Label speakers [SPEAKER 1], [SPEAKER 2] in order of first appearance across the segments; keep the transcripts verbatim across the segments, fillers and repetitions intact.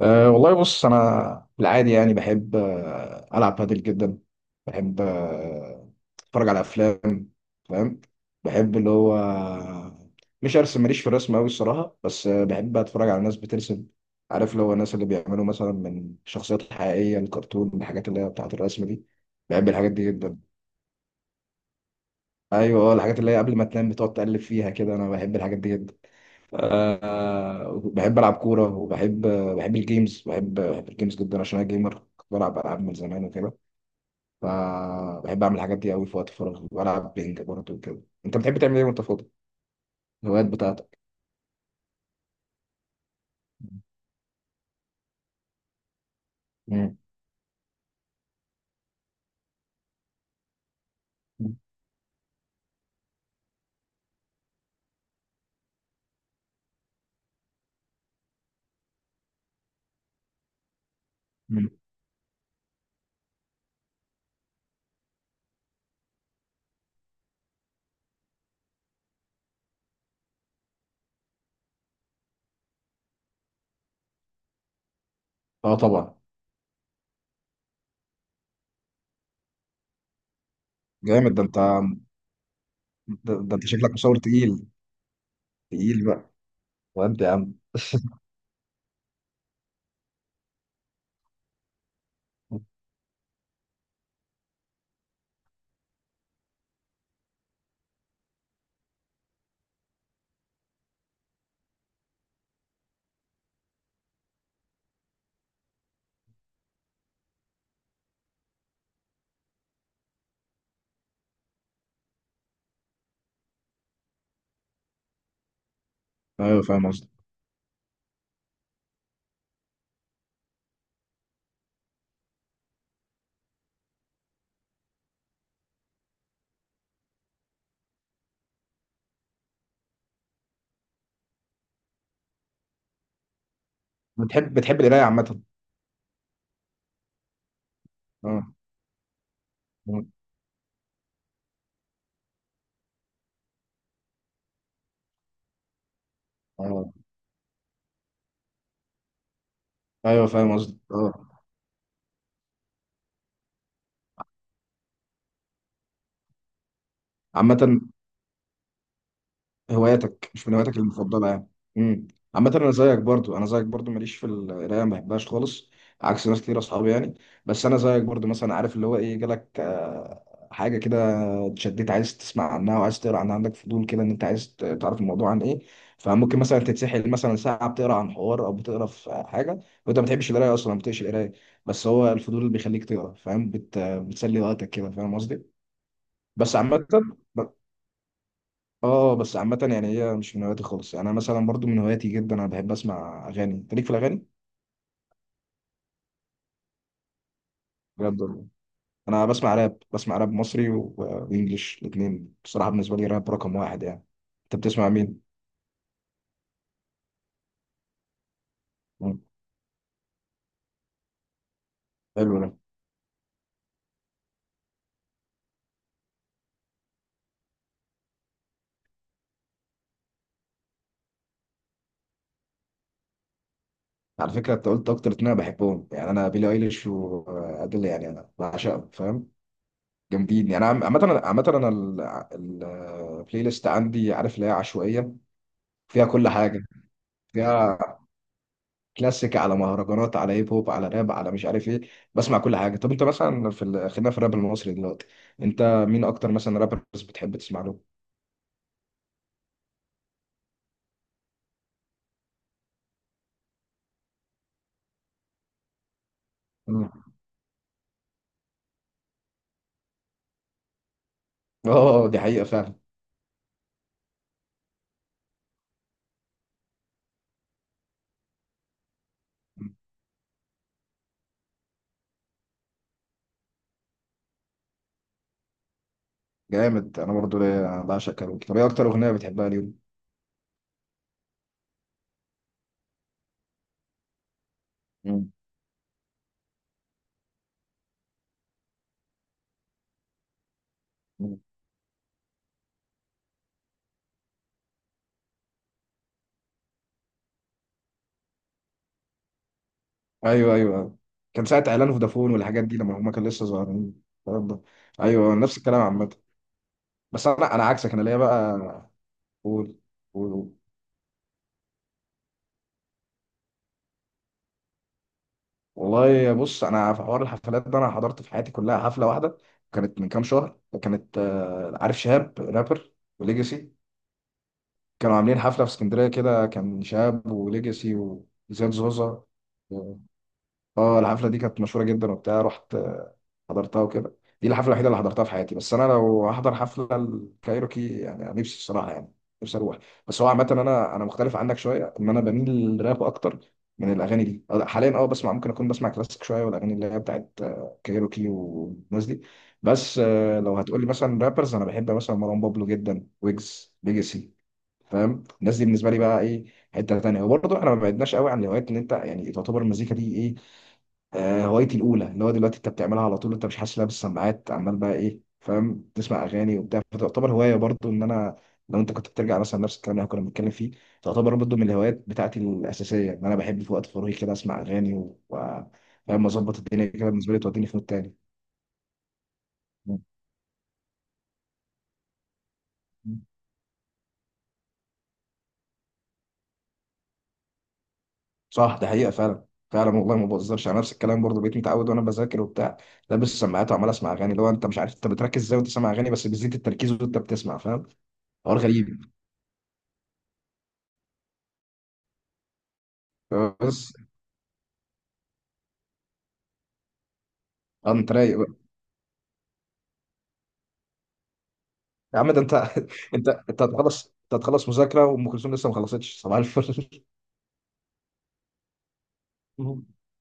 [SPEAKER 1] أه والله بص، انا بالعادي يعني بحب أه العب بادل جدا. بحب أه اتفرج على افلام، فاهم؟ بحب اللي هو، مش ارسم، ماليش في الرسم قوي الصراحه، بس أه بحب اتفرج على ناس بترسم. عارف اللي هو الناس اللي بيعملوا مثلا من شخصيات حقيقيه الكرتون، الحاجات اللي هي بتاعه الرسم دي. بحب الحاجات دي جدا. ايوه، آه، الحاجات اللي هي قبل ما تنام بتقعد تقلب فيها كده، انا بحب الحاجات دي جدا. آه بحب العب كوره، وبحب بحب الجيمز، بحب بحب الجيمز جدا عشان انا جيمر، كنت بلعب العاب من زمان وكده. فبحب اعمل الحاجات دي قوي في وقت فراغي، والعب بينج برضه وكده. انت بتحب تعمل ايه وانت فاضي؟ الهوايات بتاعتك؟ مم. مم. اه طبعا. جامد ده انت، ده, ده انت شكلك مصور تقيل، تقيل بقى. وانت يا عم؟ ايوه فاهم قصدي. بتحب بتحب القرايه عامه؟ اه. اه. ايوه فاهم قصدي. اه، عامة. هواياتك، مش من هواياتك المفضلة يعني. امم. عامة أنا زيك برضو، أنا زيك برضو ماليش في القراية، ما بحبهاش خالص، عكس ناس كتير أصحابي يعني. بس أنا زيك برضو مثلا، عارف اللي هو إيه، جالك آه، حاجة كده، اتشديت عايز تسمع عنها وعايز تقرا عنها، عندك فضول كده إن أنت عايز ت- تعرف الموضوع عن إيه. فممكن مثلا تتسحل مثلا ساعة بتقرا عن حوار، أو بتقرا في حاجة وأنت ما بتحبش القراية أصلا، ما بتقش القراية. بس هو الفضول اللي بيخليك تقرا، فاهم، بت... بتسلي وقتك كده، فاهم قصدي؟ بس عامة، اه بس عامة يعني هي مش من هواياتي خالص يعني. انا مثلا برضو من هواياتي جدا انا بحب اسمع اغاني. انت ليك في الاغاني؟ بجد والله؟ انا بسمع راب، بسمع راب مصري و- وانجليش، الاثنين بصراحة، بالنسبة لي راب رقم واحد يعني. انت بتسمع مين؟ مم. حلو ده. على فكرة انت قلت اكتر اتنين انا بحبهم يعني، انا بيلي ايليش وادل يعني، انا بعشقهم، فاهم؟ جامدين يعني. عم- عامة أنا- عامة انا، البلاي ليست عندي عارف اللي هي عشوائية، فيها كل حاجة، فيها كلاسيك، على مهرجانات، على هيب هوب، على راب، على مش عارف ايه. بسمع كل حاجه. طب انت مثلا في ال... خلينا في الراب المصري دلوقتي. انت مين اكتر مثلا رابرز بتحب تسمع له؟ مم. اه دي حقيقه فعلا. جامد، انا برضو ليا، انا بعشق كاروكي. طب ايه اكتر اغنيه بتحبها ليهم؟ مم. مم. ايوه ايوه أيوة. كان ساعه اعلان فودافون والحاجات دي، لما هما كانوا لسه صغيرين، الكلام ده. ايوه نفس الكلام عامه. بس انا انا عكسك، انا ليا بقى. قول، قول قول. والله بص، انا في حوار الحفلات ده، انا حضرت في حياتي كلها حفله واحده، كانت من كام شهر. كانت آه، عارف شهاب رابر وليجاسي، كانوا عاملين حفله في اسكندريه كده، كان شهاب وليجاسي وزياد زوزة. اه الحفله دي كانت مشهوره جدا وبتاع، رحت آه، حضرتها وكده. دي الحفله الوحيده اللي حضرتها في حياتي. بس انا لو هحضر حفله الكايروكي يعني، أنا نفسي الصراحه يعني، نفسي اروح. بس هو عامه، انا انا مختلف عنك شويه، ان انا بميل للراب اكتر من الاغاني دي. أه، حاليا اه بسمع، ممكن اكون بسمع كلاسيك شويه، والاغاني اللي هي بتاعت آه، كايروكي والناس دي. بس آه، لو هتقول لي مثلا رابرز، انا بحب مثلا مروان بابلو جدا، ويجز، ليجاسي. فاهم؟ الناس دي بالنسبه لي بقى ايه، حته تانيه. وبرضه احنا ما بعدناش قوي عن الهوايات، ان انت يعني تعتبر المزيكا دي ايه، آه، هوايتي الاولى. اللي هو دلوقتي انت بتعملها على طول، انت مش حاسس، لابس السماعات عمال بقى ايه، فاهم، تسمع اغاني وبتاع. فتعتبر هوايه برضو ان انا، لو انت كنت بترجع مثلا نفس الكلام اللي إحنا كنا بنتكلم فيه، تعتبر برضو من الهوايات بتاعتي الاساسيه ان انا بحب في وقت فراغي كده اسمع اغاني و و- فاهم اظبط الدنيا كده، بالنسبه لي توديني في مود تاني. صح، ده حقيقه فعلا، فعلا والله ما بهزرش. على نفس الكلام برضو، بقيت متعود وانا بذاكر وبتاع، لابس السماعات وعمال اسمع اغاني. اللي هو انت مش عارف انت بتركز ازاي وانت سامع اغاني، بس بيزيد التركيز وانت بتسمع، فاهم. حوار غريب. بس. اه انت رايق بقى. يا عم ده انت انت، انت هتخلص، انت هتخلص مذاكره وام كلثوم لسه ما خلصتش صباح الفل.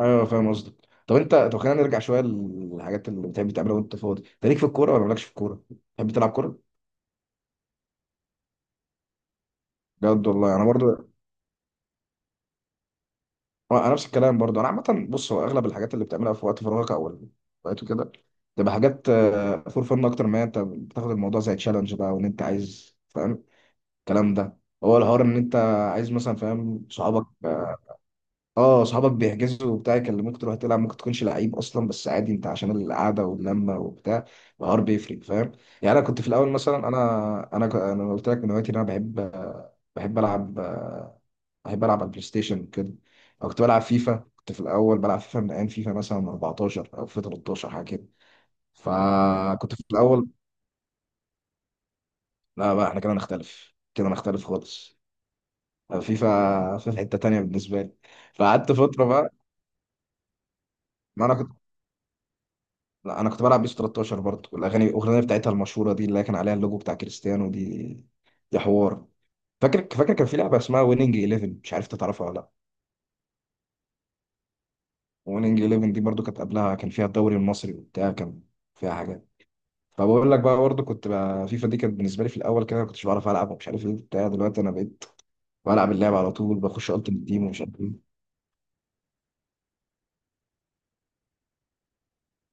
[SPEAKER 1] ايوه فاهم قصدك. طب انت، طب خلينا نرجع شويه للحاجات اللي بتحب تعملها وانت فاضي. انت ليك في الكوره ولا مالكش في الكوره؟ بتحب تلعب كوره؟ بجد والله؟ انا برضو، انا نفس الكلام برضو، انا عامه بص، هو اغلب الحاجات اللي بتعملها في وقت فراغك، او وقت كده، تبقى حاجات فور فن، اكتر ما انت بتاخد الموضوع زي تشالنج بقى، وان انت عايز، فاهم، الكلام ده. هو الحوار ان انت عايز مثلا، فاهم صحابك آه، اه صحابك بيحجزوا وبتاع يكلموك تروح تلعب، ممكن تكونش لعيب اصلا، بس عادي انت عشان القعده واللمه وبتاع، الحوار بيفرق، فاهم؟ يعني انا كنت في الاول مثلا، انا انا ك- انا قلت لك من هوايتي ان انا بحب، بحب العب آه، بحب العب على البلاي ستيشن كده، او كنت بلعب فيفا. كنت في الاول بلعب فيفا من ايام فيفا مثلا اربعتاشر او فيفا تلتاشر حاجه كده. فكنت في الاول، لا بقى احنا كده نختلف، كده نختلف خالص. فيفا، فيفا حته تانيه بالنسبه لي. فقعدت فتره بقى، ما انا كنت لا انا كنت بلعب بيس ثلاثة عشر برضه. والاغاني الاغنيه بتاعتها المشهوره دي، اللي كان عليها اللوجو بتاع كريستيانو دي، دي حوار. فاكر فاكر كان في لعبه اسمها ويننج احداشر، مش عارف انت تعرفها ولا لا. ويننج احداشر دي برضه، كانت قبلها كان فيها الدوري المصري وبتاع، كان فيها حاجات. فبقول لك بقى، برضه كنت بقى، فيفا دي كانت بالنسبه لي في الاول كده ما كنتش بعرف العب ومش عارف ايه بتاع. دلوقتي انا بقيت بلعب اللعبه على طول، بخش التيم تيم ومش عارف ايه.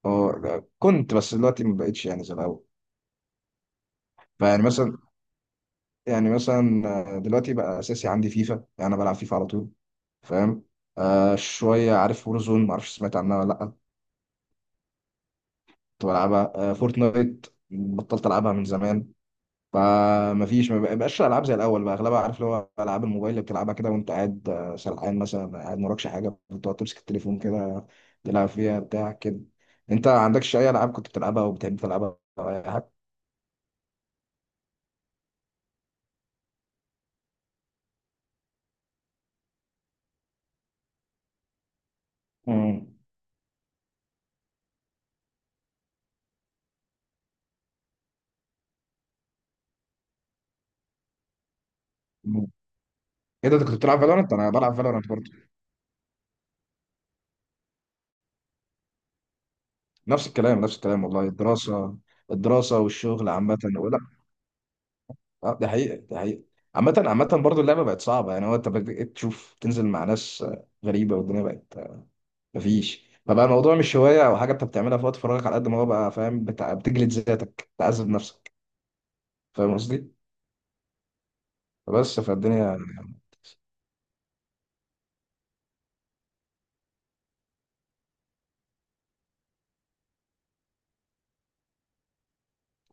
[SPEAKER 1] اه كنت، بس دلوقتي ما بقتش يعني زي الاول. فيعني مثلا يعني مثلا آه، دلوقتي بقى اساسي عندي فيفا يعني، انا بلعب فيفا على طول، فاهم. آه شوية عارف وورزون، معرفش سمعت عنها ولا لأ، كنت بلعبها. آه فورتنايت بطلت ألعبها من زمان. فمفيش، ما بقاش الألعاب زي الأول بقى، أغلبها عارف اللي هو ألعاب الموبايل اللي بتلعبها كده وأنت قاعد آه، سرحان مثلا، قاعد مراكش حاجة، بتقعد تمسك التليفون كده تلعب فيها بتاع كده. أنت عندكش أي ألعاب كنت بتلعبها أو بتحب تلعبها أو أي حاجة؟ مم. مم. إيه ده أنت كنت بتلعب فالورانت؟ أنا بلعب فالورانت برضه. نفس الكلام، نفس الكلام والله، الدراسة، الدراسة والشغل عامة. اه ده حقيقة، ده حقيقة. عامة، عامة برضه اللعبة بقت صعبة يعني، هو انت بقيت تشوف تنزل مع ناس آه، غريبة، والدنيا بقت آه، مفيش. فبقى الموضوع مش هواية أو حاجة أنت بتعملها في وقت فراغك، على قد ما هو بقى، فاهم، بتع- بتجلد ذاتك، تعذب نفسك، فاهم قصدي؟ فبس، فالدنيا.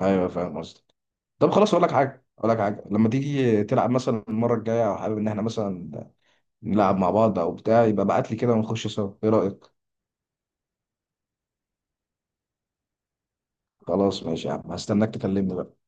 [SPEAKER 1] أيوه فاهم قصدي. طب خلاص، أقول لك حاجة، أقول لك حاجة، لما تيجي تلعب مثلا المرة الجاية، أو حابب إن إحنا مثلا نلعب مع بعض أو بتاع، يبقى ابعت لي كده ونخش سوا، إيه رأيك؟ خلاص ماشي يا عم، هستناك تكلمني بقى.